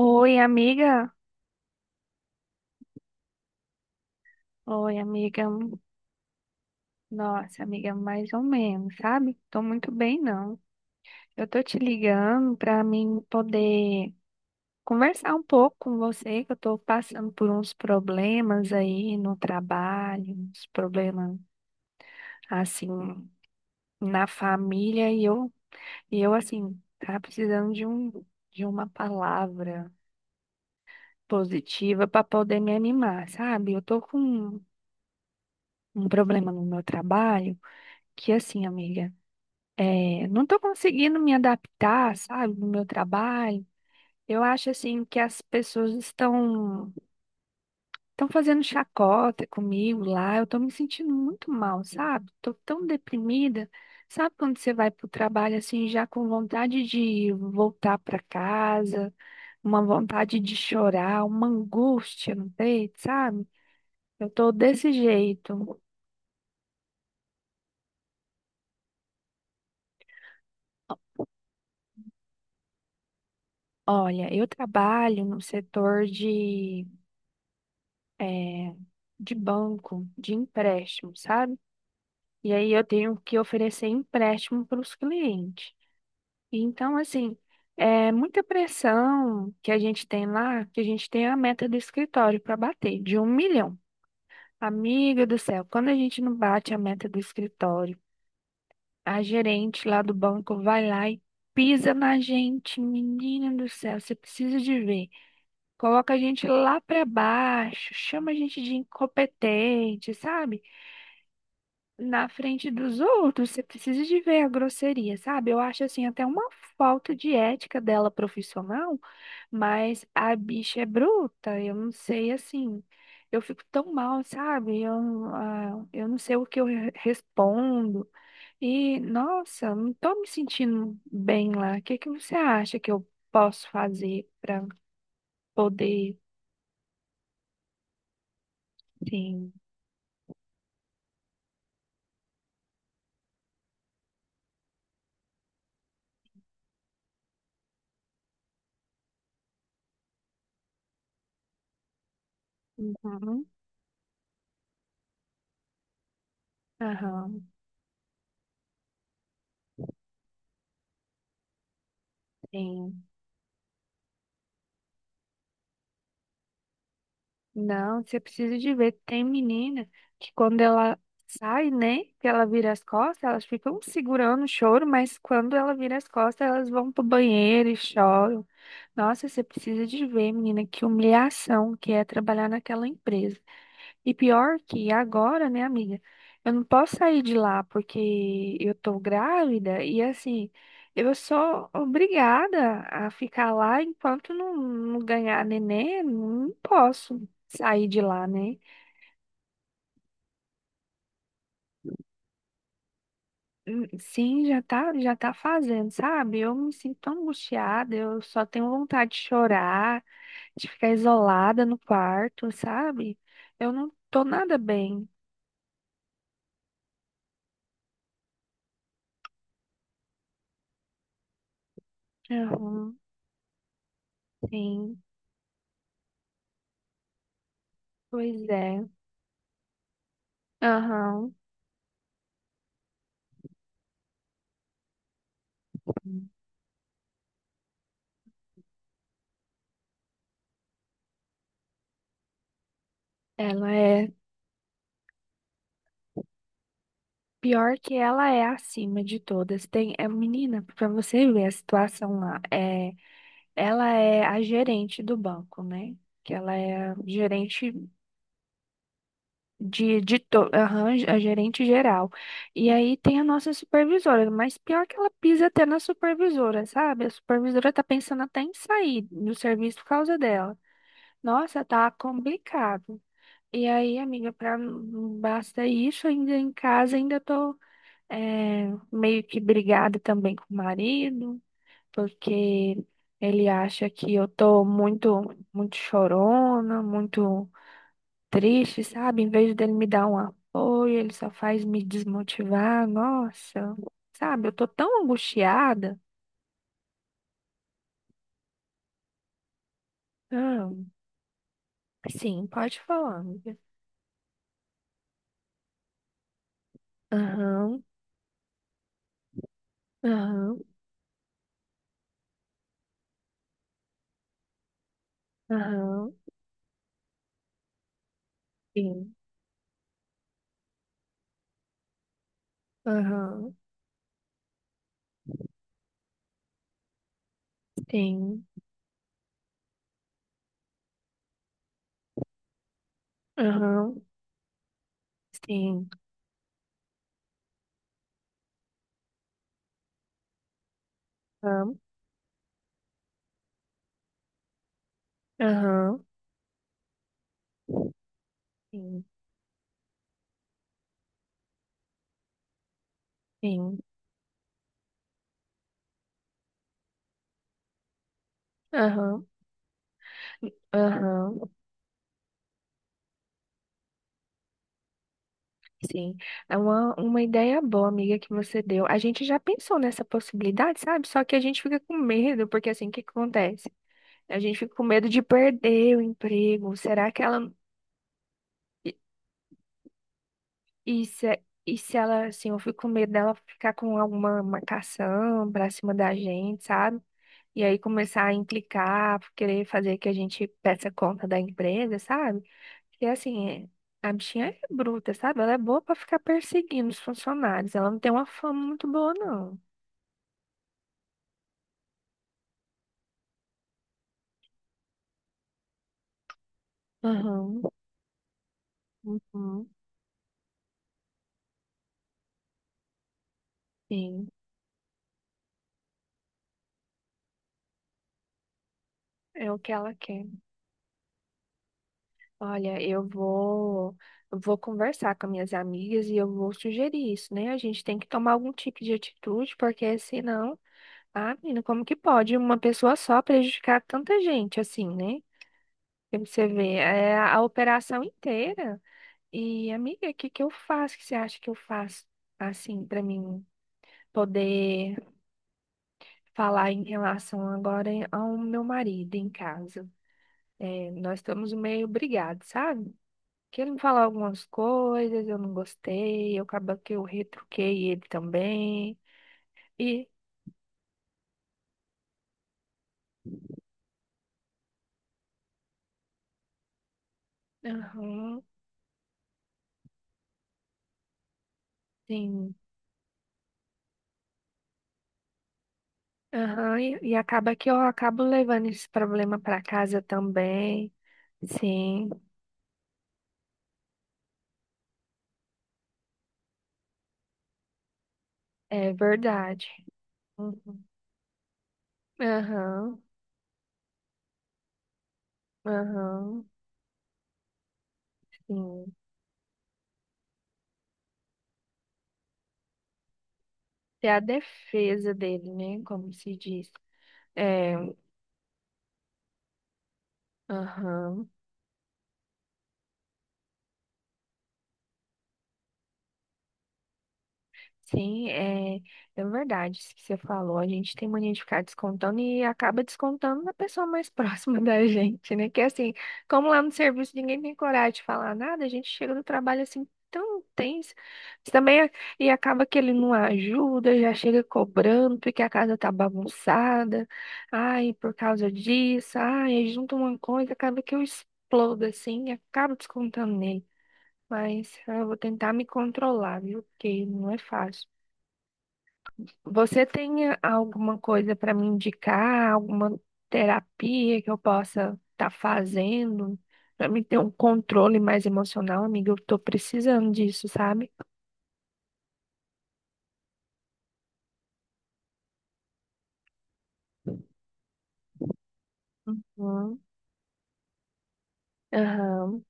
Oi, amiga. Oi, amiga. Nossa, amiga, mais ou menos, sabe? Tô muito bem, não. Eu tô te ligando pra mim poder conversar um pouco com você, que eu tô passando por uns problemas aí no trabalho, uns problemas assim na família e eu assim, tá precisando de um de uma palavra positiva pra poder me animar, sabe? Eu tô com um problema no meu trabalho que assim, amiga, é, não estou conseguindo me adaptar, sabe, no meu trabalho. Eu acho assim que as pessoas estão fazendo chacota comigo lá. Eu estou me sentindo muito mal, sabe? Estou tão deprimida. Sabe quando você vai para o trabalho assim já com vontade de voltar para casa, uma vontade de chorar, uma angústia no peito, sabe? Eu estou desse jeito. Olha, eu trabalho no setor é, de banco, de empréstimo, sabe? E aí eu tenho que oferecer empréstimo para os clientes. Então, assim, é muita pressão que a gente tem lá, que a gente tem a meta do escritório para bater, de um milhão. Amiga do céu, quando a gente não bate a meta do escritório, a gerente lá do banco vai lá e pisa na gente, menina do céu, você precisa de ver. Coloca a gente lá para baixo, chama a gente de incompetente, sabe? Na frente dos outros, você precisa de ver a grosseria, sabe? Eu acho assim até uma falta de ética dela profissional, mas a bicha é bruta, eu não sei assim. Eu fico tão mal, sabe? Eu, eu não sei o que eu respondo. E, nossa, não tô me sentindo bem lá. O que que você acha que eu posso fazer para poder, sim. Uhum. Aham, sim. Não, você precisa de ver. Tem menina que quando ela sai, né? Que ela vira as costas, elas ficam segurando o choro, mas quando ela vira as costas, elas vão pro banheiro e choram. Nossa, você precisa de ver, menina, que humilhação que é trabalhar naquela empresa. E pior que agora, né, amiga? Eu não posso sair de lá porque eu tô grávida e assim, eu sou obrigada a ficar lá enquanto não ganhar neném, não posso sair de lá, né? Sim, já tá fazendo, sabe? Eu me sinto tão angustiada, eu só tenho vontade de chorar, de ficar isolada no quarto, sabe? Eu não tô nada bem. Aham, sim, pois é. Aham. Ela é Pior que ela é acima de todas. Tem, é menina, para você ver a situação lá, é, ela é a gerente do banco, né? Que ela é a gerente de, aham, a gerente geral. E aí tem a nossa supervisora, mas pior que ela pisa até na supervisora, sabe? A supervisora tá pensando até em sair do serviço por causa dela. Nossa, tá complicado. E aí, amiga, pra, basta isso, ainda em casa, ainda tô é, meio que brigada também com o marido, porque ele acha que eu tô muito, muito chorona, muito triste, sabe? Em vez dele me dar um apoio, ele só faz me desmotivar. Nossa, sabe? Eu tô tão angustiada. Ah, sim, pode falar, amiga. Aham, aham, aham, sim, aham, sim, aham, sim, aham, aham, sim, sim. Aham. Aham, sim. É uma ideia boa, amiga, que você deu. A gente já pensou nessa possibilidade, sabe? Só que a gente fica com medo, porque assim, o que que acontece? A gente fica com medo de perder o emprego. Será que ela. E, e se, e se ela, assim, eu fico com medo dela ficar com alguma marcação pra cima da gente, sabe? E aí começar a implicar, querer fazer que a gente peça conta da empresa, sabe? E assim, é- a bichinha é bruta, sabe? Ela é boa pra ficar perseguindo os funcionários. Ela não tem uma fama muito boa, não. Aham. Uhum, sim, é o que ela quer. Olha, eu vou conversar com minhas amigas e eu vou sugerir isso, né? A gente tem que tomar algum tipo de atitude, porque senão, ah, menina, como que pode uma pessoa só prejudicar tanta gente assim, né? Porque você vê, é a operação inteira. E, amiga, o que que eu faço? O que você acha que eu faço, assim, para mim poder falar em relação agora ao meu marido em casa? É, nós estamos meio brigados, sabe? Que ele me falou algumas coisas, eu não gostei, eu acaba que eu retruquei ele também. E, aham, sim, aham, e acaba que eu acabo levando esse problema para casa também. Sim, é verdade. Uhum. Aham. Aham, sim. Tem a defesa dele, né? Como se diz. É, aham. Sim, é, é verdade isso que você falou. A gente tem mania de ficar descontando e acaba descontando na pessoa mais próxima da gente, né? Que assim, como lá no serviço ninguém tem coragem de falar nada, a gente chega do trabalho assim tão tenso. Mas também e acaba que ele não ajuda, já chega cobrando porque a casa tá bagunçada. Ai, por causa disso, ai, aí junta uma coisa, acaba que eu explodo assim e acabo descontando nele. Mas eu vou tentar me controlar, viu? Porque não é fácil. Você tem alguma coisa para me indicar, alguma terapia que eu possa estar fazendo para me ter um controle mais emocional, amiga? Eu tô precisando disso, sabe? Uhum, aham,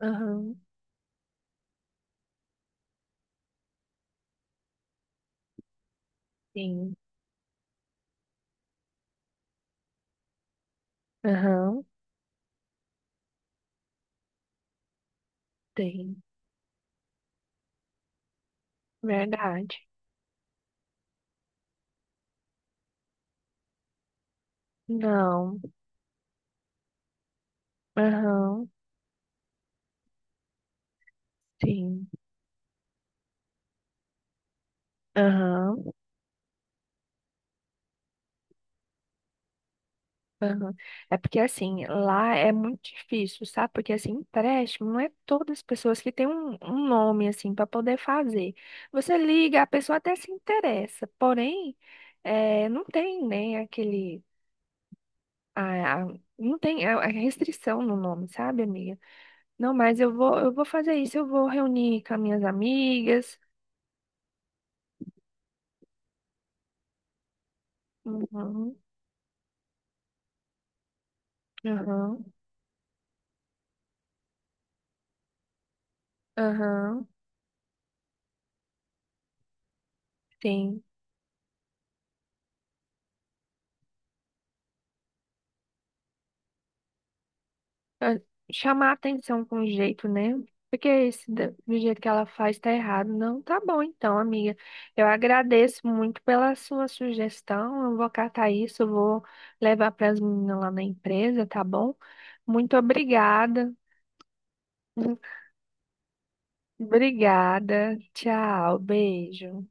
aham, sim, aham, tem, verdade. Não, aham, sim, aham. Aham. É porque assim, lá é muito difícil, sabe? Porque assim, empréstimo não é todas as pessoas que têm um nome assim para poder fazer. Você liga, a pessoa até se interessa, porém, não tem nem aquele a, a- não tem a restrição no nome, sabe, amiga? Não, mas eu vou fazer isso, eu vou reunir com as minhas amigas. Uhum. Aham. Aham. Sim. Ah, chamar a atenção com jeito, né? Porque esse do jeito que ela faz tá errado. Não, tá bom então, amiga. Eu agradeço muito pela sua sugestão. Eu vou catar isso, eu vou levar para as meninas lá na empresa, tá bom? Muito obrigada. Obrigada. Tchau, beijo.